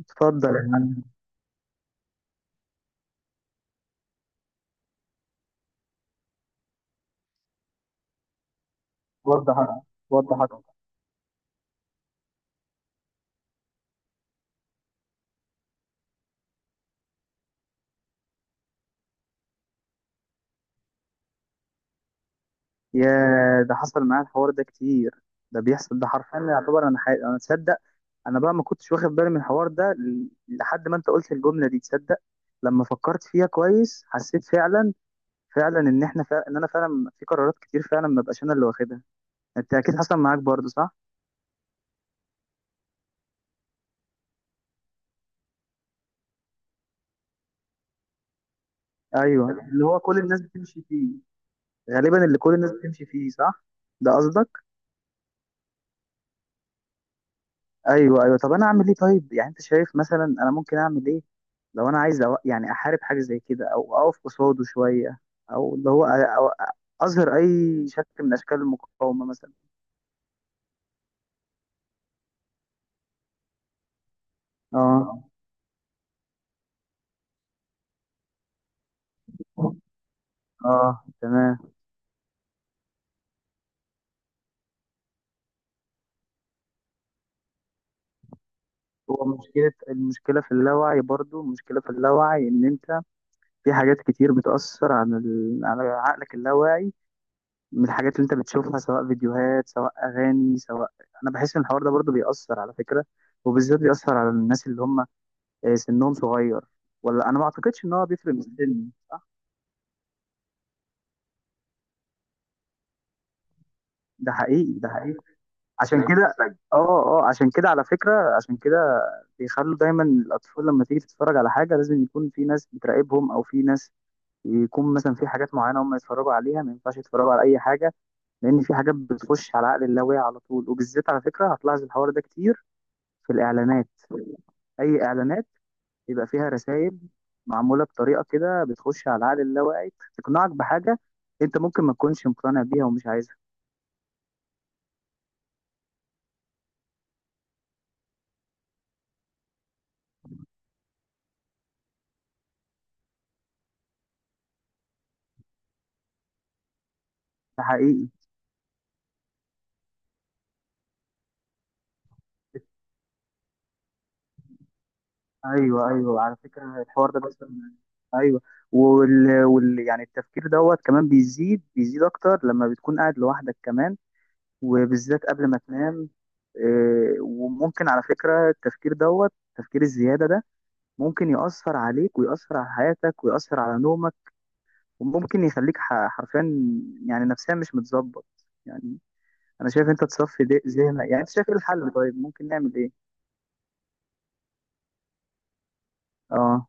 اتفضل يا عم. وضح، وضح أكتر. يا ده حصل معايا الحوار ده كتير. ده بيحصل، ده حرفيا يعتبر انا، تصدق، انا بقى ما كنتش واخد بالي من الحوار ده لحد ما انت قلت الجمله دي. تصدق لما فكرت فيها كويس حسيت فعلا، فعلا ان احنا فعلا، ان انا فعلا في قرارات كتير فعلا ما بقاش انا اللي واخدها. انت اكيد حصل معاك برضه صح؟ ايوه اللي هو كل الناس بتمشي فيه. غالبا اللي كل الناس بتمشي فيه صح. ده قصدك. ايوه ايوه، طب انا اعمل ايه طيب؟ يعني انت شايف مثلا انا ممكن اعمل ايه لو انا عايز أو يعني احارب حاجه زي كده او اقف قصاده شويه او اللي هو أو اظهر اي شكل من اشكال المقاومه مثلا؟ اه، اه، تمام. هو مشكله، المشكله في اللاوعي برضو، المشكله في اللاوعي ان انت في حاجات كتير على عقلك اللاواعي. من الحاجات اللي انت بتشوفها سواء فيديوهات سواء اغاني سواء، انا بحس ان الحوار ده برضو بيأثر على فكره. وبالذات بيأثر على الناس اللي هم، سنهم صغير. ولا انا ما اعتقدش ان هو بيفرق من السن صح؟ ده حقيقي، ده حقيقي. عشان كده، اه اه عشان كده على فكره، عشان كده بيخلوا دايما الاطفال لما تيجي تتفرج على حاجه لازم يكون في ناس بتراقبهم او في ناس، يكون مثلا في حاجات معينه هم يتفرجوا عليها، ما ينفعش يتفرجوا على اي حاجه. لان في حاجات بتخش على عقل اللاواعي على طول. وبالذات على فكره هتلاحظ الحوار ده كتير في الاعلانات. اي اعلانات بيبقى فيها رسائل معمولة بطريقة كده بتخش على العقل اللاواعي، تقنعك بحاجة انت ممكن ما تكونش مقتنع بيها ومش عايزها. ده حقيقي. ايوه ايوه على فكرة الحوار ده، بس ايوه، يعني التفكير دوت كمان بيزيد، بيزيد اكتر لما بتكون قاعد لوحدك كمان. وبالذات قبل ما تنام. وممكن على فكرة التفكير دوت التفكير الزيادة ده ممكن يأثر عليك ويأثر على حياتك ويأثر على نومك. وممكن يخليك حرفيا يعني نفسيا مش متظبط يعني. انا شايف انت تصفي ذهنك. يعني انت شايف ايه الحل؟ طيب ممكن نعمل ايه؟ اه،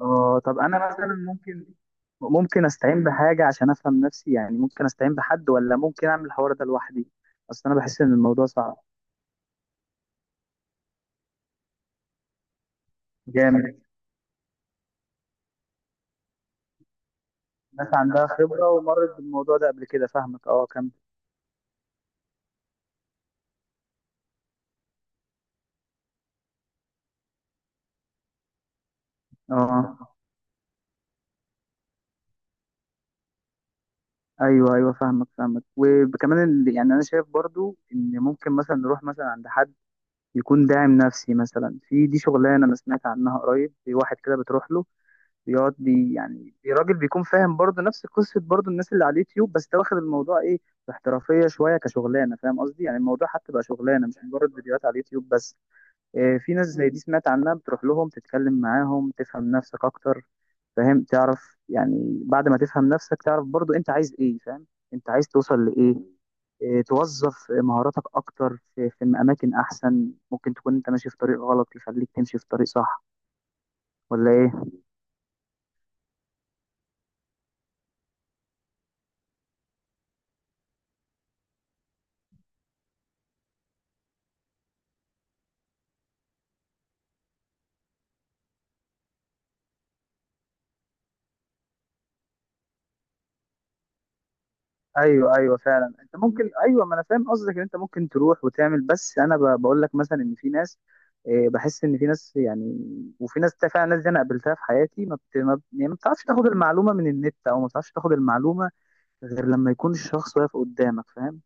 اه. طب انا مثلا ممكن، ممكن استعين بحاجه عشان افهم نفسي؟ يعني ممكن استعين بحد ولا ممكن اعمل الحوار ده لوحدي؟ اصل انا بحس ان الموضوع صعب. جامد. ناس عندها خبره ومرت بالموضوع ده قبل كده. فاهمك، اه كمل. اه. ايوه ايوه فاهمك، فاهمك. وكمان يعني انا شايف برضو ان ممكن مثلا نروح مثلا عند حد يكون داعم نفسي مثلا. في دي شغلانه انا سمعت عنها قريب، في واحد كده بتروح له بيقعد راجل بيكون فاهم برضه نفس قصه برضه الناس اللي على اليوتيوب، بس ده واخد الموضوع ايه، باحترافيه شويه كشغلانه. فاهم قصدي؟ يعني الموضوع حتى بقى شغلانه مش مجرد فيديوهات على اليوتيوب بس. في ناس زي دي سمعت عنها بتروح لهم تتكلم معاهم تفهم نفسك اكتر. فاهم؟ تعرف يعني بعد ما تفهم نفسك تعرف برضو انت عايز ايه. فاهم؟ انت عايز توصل لايه. توظف مهاراتك اكتر في في اماكن احسن. ممكن تكون انت ماشي في طريق غلط يخليك تمشي في طريق صح، ولا ايه؟ ايوه ايوه فعلا انت ممكن، ايوه، ما انا فاهم قصدك ان انت ممكن تروح وتعمل. بس انا بقول لك مثلا ان في ناس، بحس ان في ناس يعني، وفي فعلا ناس دي انا قابلتها في حياتي ما بت... ما, بت- يعني ما بتعرفش تاخد المعلومه من النت او ما بتعرفش تاخد المعلومه غير لما يكون الشخص واقف قدامك. فاهم؟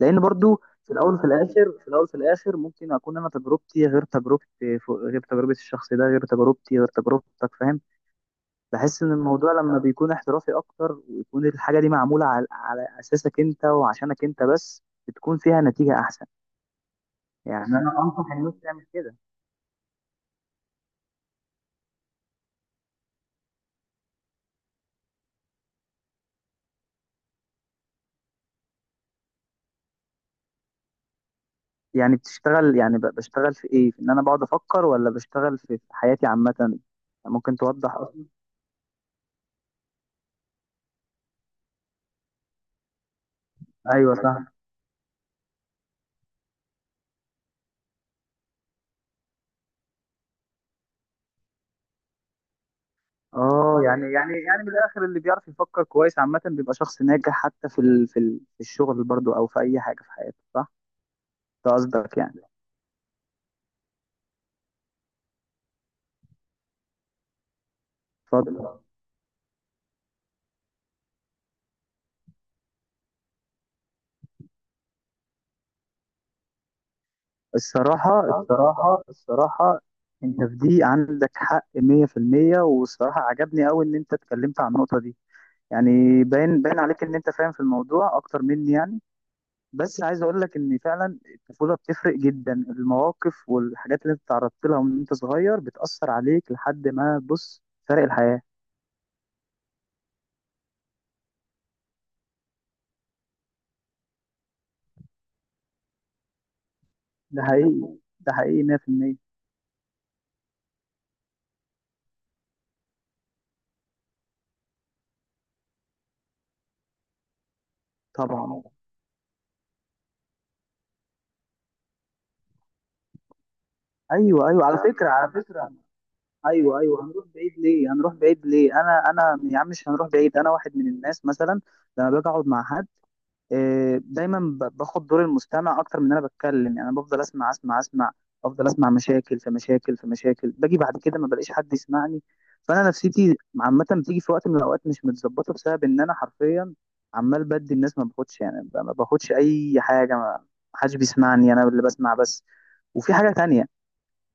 لان برضو في الاول وفي الاخر، في الاول وفي الاخر ممكن اكون انا تجربتي غير، تجربتي غير تجربه الشخص ده، غير تجربتي غير تجربتك. فاهم؟ بحس ان الموضوع لما بيكون احترافي اكتر ويكون الحاجه دي معموله على، على اساسك انت وعشانك انت بس، بتكون فيها نتيجه احسن. يعني انا انصح الناس تعمل كده. يعني بتشتغل، يعني بشتغل في ايه؟ في ان انا بقعد افكر ولا بشتغل في في حياتي عامه؟ ممكن توضح اصلا. ايوه صح. اه، يعني، يعني، يعني من الاخر اللي بيعرف يفكر كويس عامه بيبقى شخص ناجح حتى في الشغل برضو او في اي حاجه في حياته، صح؟ ده قصدك يعني. اتفضل. الصراحة، الصراحة، الصراحة انت في دي عندك حق 100%. والصراحة عجبني قوي ان انت اتكلمت عن النقطة دي. يعني باين، باين عليك ان انت فاهم في الموضوع اكتر مني يعني. بس عايز اقول لك ان فعلا الطفولة بتفرق جدا. المواقف والحاجات اللي انت تعرضت لها وانت صغير بتأثر عليك لحد ما، بص، فرق الحياة. ده حقيقي، ده حقيقي 100%. طبعا. ايوه ايوه على فكرة، على فكرة ايوه ايوه. هنروح بعيد ليه؟ هنروح بعيد ليه؟ انا انا يا عم مش هنروح بعيد. انا واحد من الناس مثلا لما باجي اقعد مع حد، دايما باخد دور المستمع اكتر من إن انا بتكلم. يعني انا بفضل اسمع، اسمع، اسمع. افضل اسمع مشاكل في مشاكل في مشاكل. باجي بعد كده ما بلاقيش حد يسمعني. فانا نفسيتي عامه بتيجي في وقت من الاوقات مش متظبطه بسبب ان انا حرفيا عمال بدي الناس، ما باخدش يعني، ما باخدش اي حاجه. ما حدش بيسمعني، انا اللي بسمع بس. وفي حاجه تانية،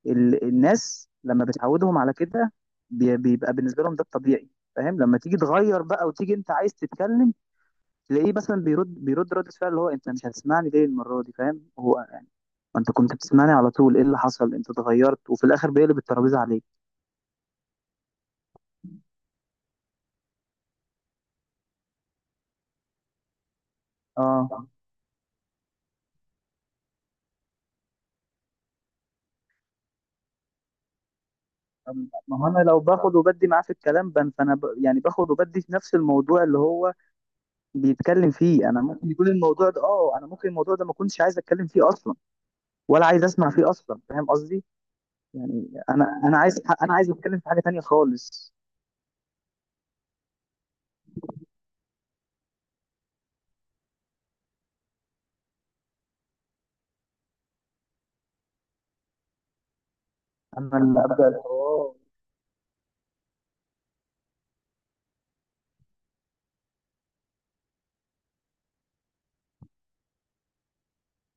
الناس لما بتعودهم على كده بيبقى بالنسبه لهم ده الطبيعي. فاهم؟ لما تيجي تغير بقى وتيجي انت عايز تتكلم، تلاقيه مثلا بيرد، بيرد رد فعل اللي هو انت مش هتسمعني ليه المره دي. فاهم هو يعني ما انت كنت بتسمعني على طول، ايه اللي حصل، انت اتغيرت. وفي الاخر بيقلب الترابيزه عليك. اه. طب، ما هو انا لو باخد وبدي معاه في الكلام، يعني باخد وبدي في نفس الموضوع اللي هو بيتكلم فيه. انا ممكن يكون الموضوع ده، اه انا ممكن الموضوع ده ما كنتش عايز اتكلم فيه اصلا، ولا عايز اسمع فيه اصلا. فاهم قصدي يعني؟ انا انا عايز، انا عايز اتكلم في حاجه تانية خالص. انا اللي ابدا الحوار.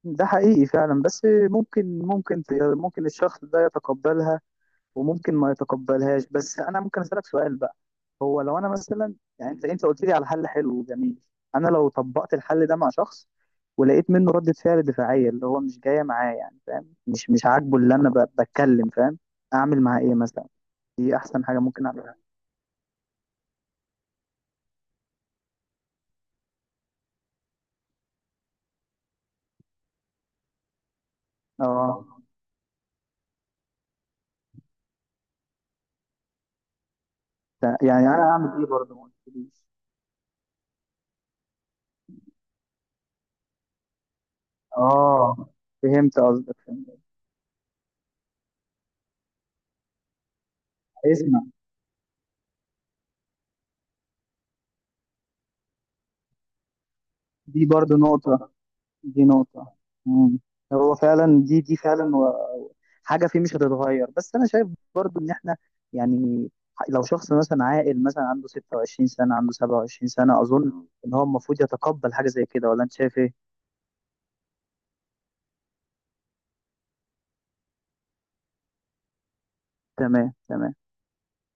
ده حقيقي فعلا. بس ممكن، ممكن، ممكن الشخص ده يتقبلها وممكن ما يتقبلهاش. بس انا ممكن اسالك سؤال بقى؟ هو لو انا مثلا، يعني انت، انت قلت لي على حل حلو وجميل، انا لو طبقت الحل ده مع شخص ولقيت منه ردة فعل دفاعية اللي هو مش جاية معاه، يعني فاهم مش، مش عاجبه اللي انا بتكلم، فاهم، اعمل معاه ايه مثلا؟ دي احسن حاجة ممكن اعملها. اه. يعني انا اعمل ايه برضه؟ ما قلتليش. اه، فهمت قصدك، فهمت. اسمع، دي برضو نقطة، دي نقطة. مم. هو فعلا دي، دي فعلا حاجة فيه مش هتتغير. بس أنا شايف برضو إن إحنا يعني، لو شخص مثلا عاقل مثلا عنده 26 سنة، عنده 27 سنة، أظن إن هو المفروض يتقبل حاجة زي كده، ولا أنت شايف إيه؟ تمام، تمام.